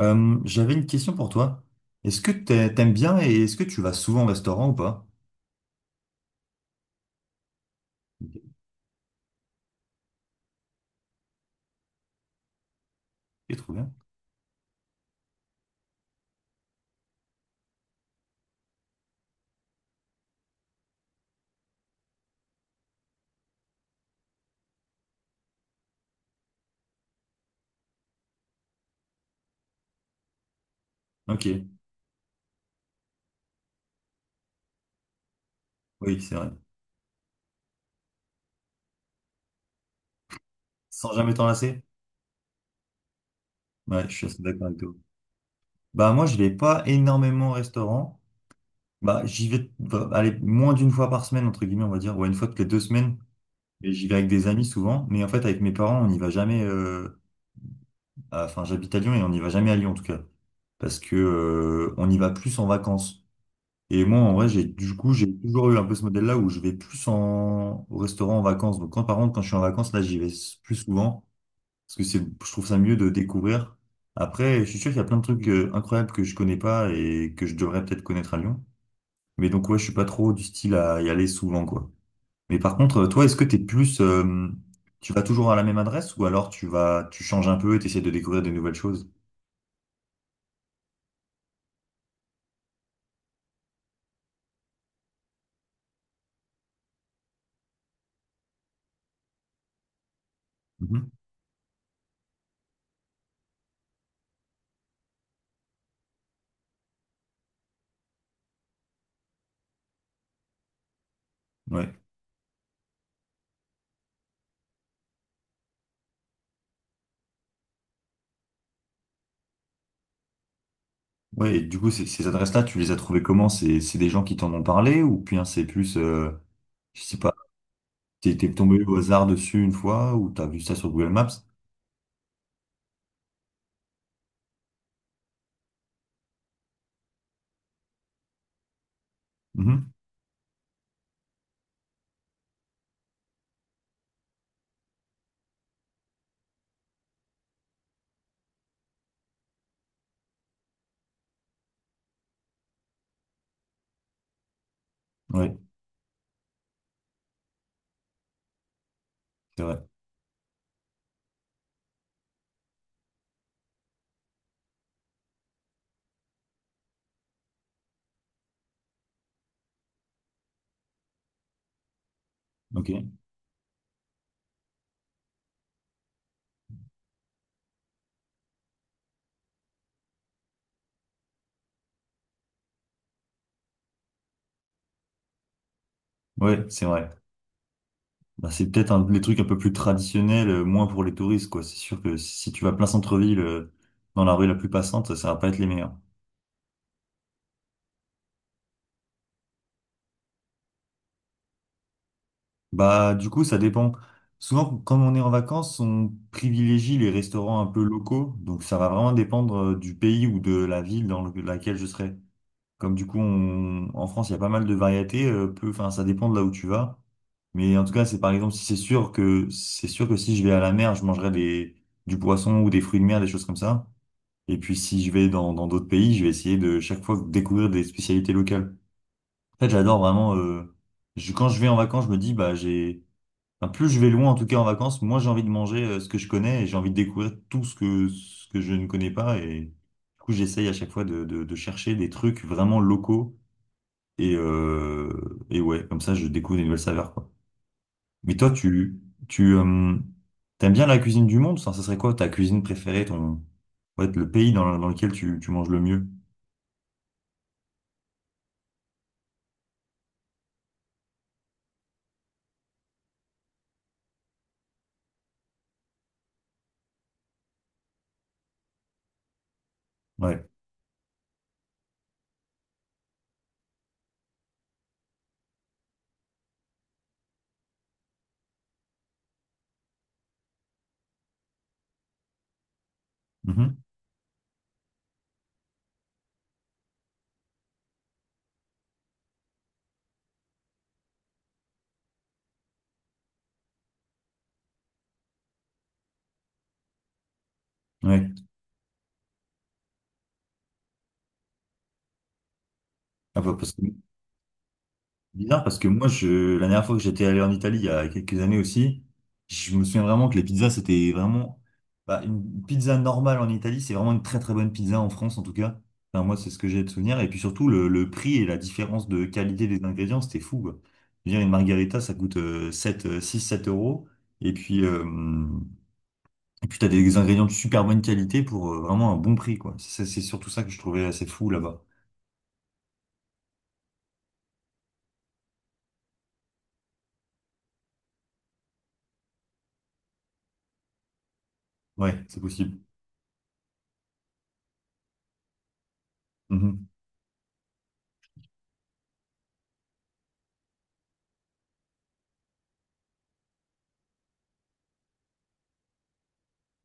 J'avais une question pour toi. Est-ce que t'aimes bien et est-ce que tu vas souvent au restaurant ou pas? Ok. Ok, trop bien. Ok. Oui, c'est vrai. Sans jamais t'en lasser? Ouais, je suis assez d'accord avec toi. Bah moi, je vais pas énormément au restaurant. Bah j'y vais, bah, allez, moins d'une fois par semaine entre guillemets, on va dire, ouais, une fois toutes les deux semaines. Et j'y vais avec des amis souvent, mais en fait avec mes parents, on n'y va jamais. À- Enfin, j'habite à Lyon et on n'y va jamais à Lyon en tout cas, parce que on y va plus en vacances. Et moi, en vrai, j'ai du coup, j'ai toujours eu un peu ce modèle-là où je vais plus en au restaurant en vacances. Donc, quand par contre, quand je suis en vacances, là, j'y vais s- plus souvent parce que c'est, je trouve ça mieux de découvrir. Après, je suis sûr qu'il y a plein de trucs incroyables que je connais pas et que je devrais peut-être connaître à Lyon. Mais donc, ouais, je suis pas trop du style à y aller souvent, quoi. Mais par contre, toi, est-ce que t'es plus, tu vas toujours à la même adresse ou alors tu vas, tu changes un peu et t'essaies de découvrir des nouvelles choses? Mhm. Ouais. Ouais, et du coup, ces, ces adresses-là, tu les as trouvées comment? C'est des gens qui t'en ont parlé ou bien c'est plus, je sais pas, t'es tombé au hasard dessus une fois ou t'as vu ça sur Google Maps? Mhm. Ouais, c'est vrai. Ok. Ouais, c'est vrai. Bah, c'est peut-être un des trucs un peu plus traditionnels, moins pour les touristes, quoi. C'est sûr que si tu vas plein centre-ville, dans la rue la plus passante, ça va pas être les meilleurs. Bah, du coup, ça dépend. Souvent, comme on est en vacances, on privilégie les restaurants un peu locaux. Donc, ça va vraiment dépendre du pays ou de la ville dans le- laquelle je serai. Comme du coup, on- en France, il y a pas mal de variétés. Peu, enfin, ça dépend de là où tu vas. Mais en tout cas, c'est par exemple, si c'est sûr que si je vais à la mer, je mangerai des, du poisson ou des fruits de mer, des choses comme ça. Et puis, si je vais dans d'autres pays, je vais essayer de chaque fois découvrir des spécialités locales. En fait, j'adore vraiment. Je- quand je vais en vacances, je me dis, bah, j'ai Enfin, plus je vais loin, en tout cas en vacances, moins j'ai envie de manger ce que je connais et j'ai envie de découvrir tout ce que je ne connais pas. Et du coup, j'essaye à chaque fois de chercher des trucs vraiment locaux. Et ouais, comme ça, je découvre des nouvelles saveurs, quoi. Mais toi, tu t'aimes bien la cuisine du monde? Ça serait quoi ta cuisine préférée, ton, ouais, le pays dans, le dans lequel tu, tu manges le mieux? Ouais. Mhm. Ouais. Ah, bah, parce que Bizarre parce que moi, je, la dernière fois que j'étais allé en Italie, il y a quelques années aussi, je me souviens vraiment que les pizzas, c'était vraiment, bah, une pizza normale en Italie, c'est vraiment une très très bonne pizza en France en tout cas. Enfin, moi, c'est ce que j'ai de souvenir. Et puis surtout, le prix et la différence de qualité des ingrédients, c'était fou, quoi. Je veux dire, une margarita, ça coûte 7, 6, 7 euros. Et puis, euh, et puis t'as des ingrédients de super bonne qualité pour vraiment un bon prix, quoi. C'est surtout ça que je trouvais assez fou là-bas. Ouais, c'est possible. Mhm.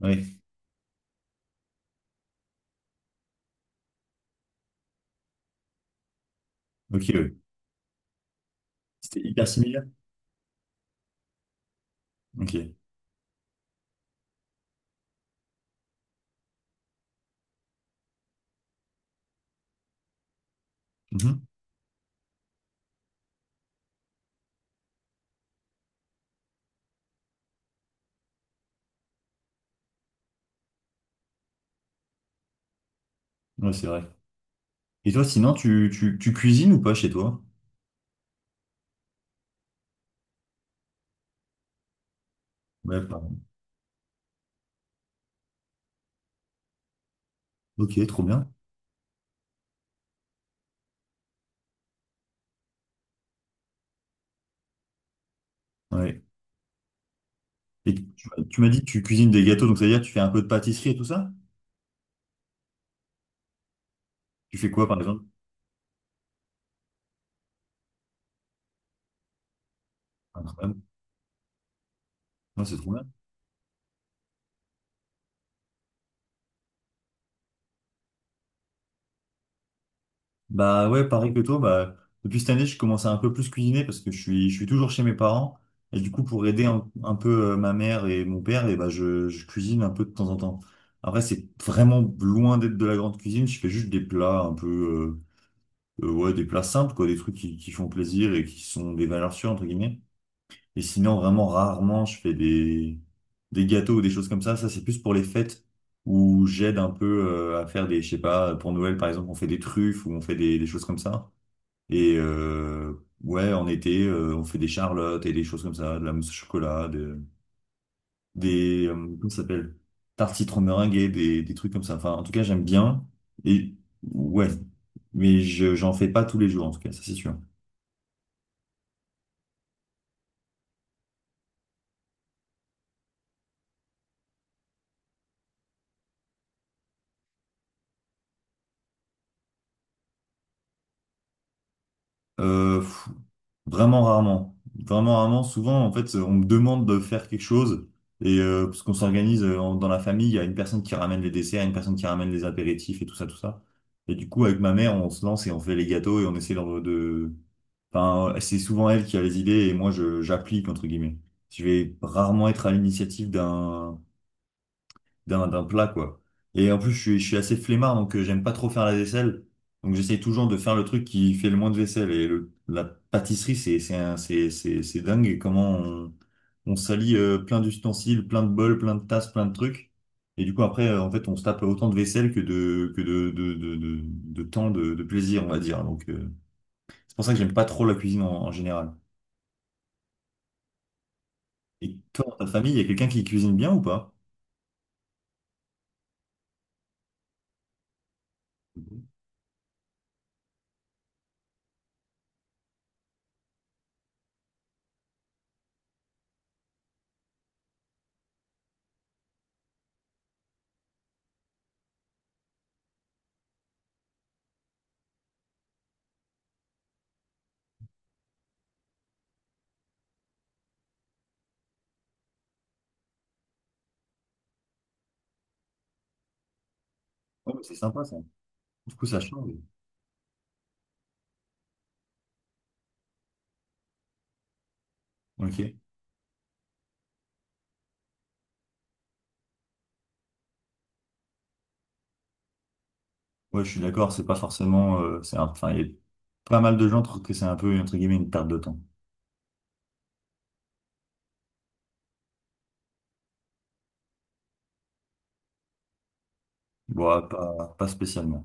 Ouais, ok, ouais. C'était hyper similaire. Ok. Mhm. Ouais, c'est vrai. Et toi, sinon, tu cuisines ou pas chez toi? Ouais, pardon. Ok, trop bien. Ouais. Et tu m'as dit que tu cuisines des gâteaux, donc ça veut dire que tu fais un peu de pâtisserie et tout ça? Tu fais quoi, par exemple? Ah, quand même. Ouais, c'est trop bien. Bah ouais, pareil que toi, bah, depuis cette année, je commence à un peu plus cuisiner parce que je suis toujours chez mes parents. Et du coup, pour aider un peu ma mère et mon père, et bah, je cuisine un peu de temps en temps. Après, c'est vraiment loin d'être de la grande cuisine. Je fais juste des plats un peu. Ouais, des plats simples, quoi, des trucs qui font plaisir et qui sont des valeurs sûres, entre guillemets. Et sinon, vraiment, rarement, je fais des gâteaux ou des choses comme ça. Ça, c'est plus pour les fêtes où j'aide un peu à faire des, je sais pas, pour Noël, par exemple, on fait des truffes ou on fait des choses comme ça. Et ouais, en été, on fait des charlottes et des choses comme ça, de la mousse au chocolat, de- des, comment ça s'appelle? Tartes citron meringuées, des trucs comme ça. Enfin, en tout cas, j'aime bien. Et ouais, mais je, j'en fais pas tous les jours, en tout cas, ça, c'est sûr. Pff, vraiment rarement. Vraiment rarement. Souvent, en fait, on me demande de faire quelque chose. Et parce qu'on s'organise en- dans la famille, il y a une personne qui ramène les desserts, une personne qui ramène les apéritifs et tout ça, tout ça. Et du coup, avec ma mère, on se lance et on fait les gâteaux et on essaie d'en- de... Enfin, c'est souvent elle qui a les idées et moi, je j'applique, entre guillemets. Je vais rarement être à l'initiative d'un d'un plat, quoi. Et en plus, je suis assez flemmard, donc j'aime pas trop faire la vaisselle. Donc j'essaie toujours de faire le truc qui fait le moins de vaisselle. Et le- la pâtisserie, c'est un- c'est dingue et comment on salit plein d'ustensiles, plein de bols, plein de tasses, plein de trucs. Et du coup, après, en fait, on se tape autant de vaisselle que de temps de plaisir, on va dire. Donc c'est pour ça que j'aime pas trop la cuisine en, en général. Et toi, dans ta famille, il y a quelqu'un qui cuisine bien ou pas? Mhm. Oh, mais c'est sympa ça. Du coup, ça change. Ok. Ouais, je suis d'accord, c'est pas forcément, c'est un- enfin, il y a pas mal de gens trouvent que c'est un peu, entre guillemets, une perte de temps. Bon, pas, pas spécialement.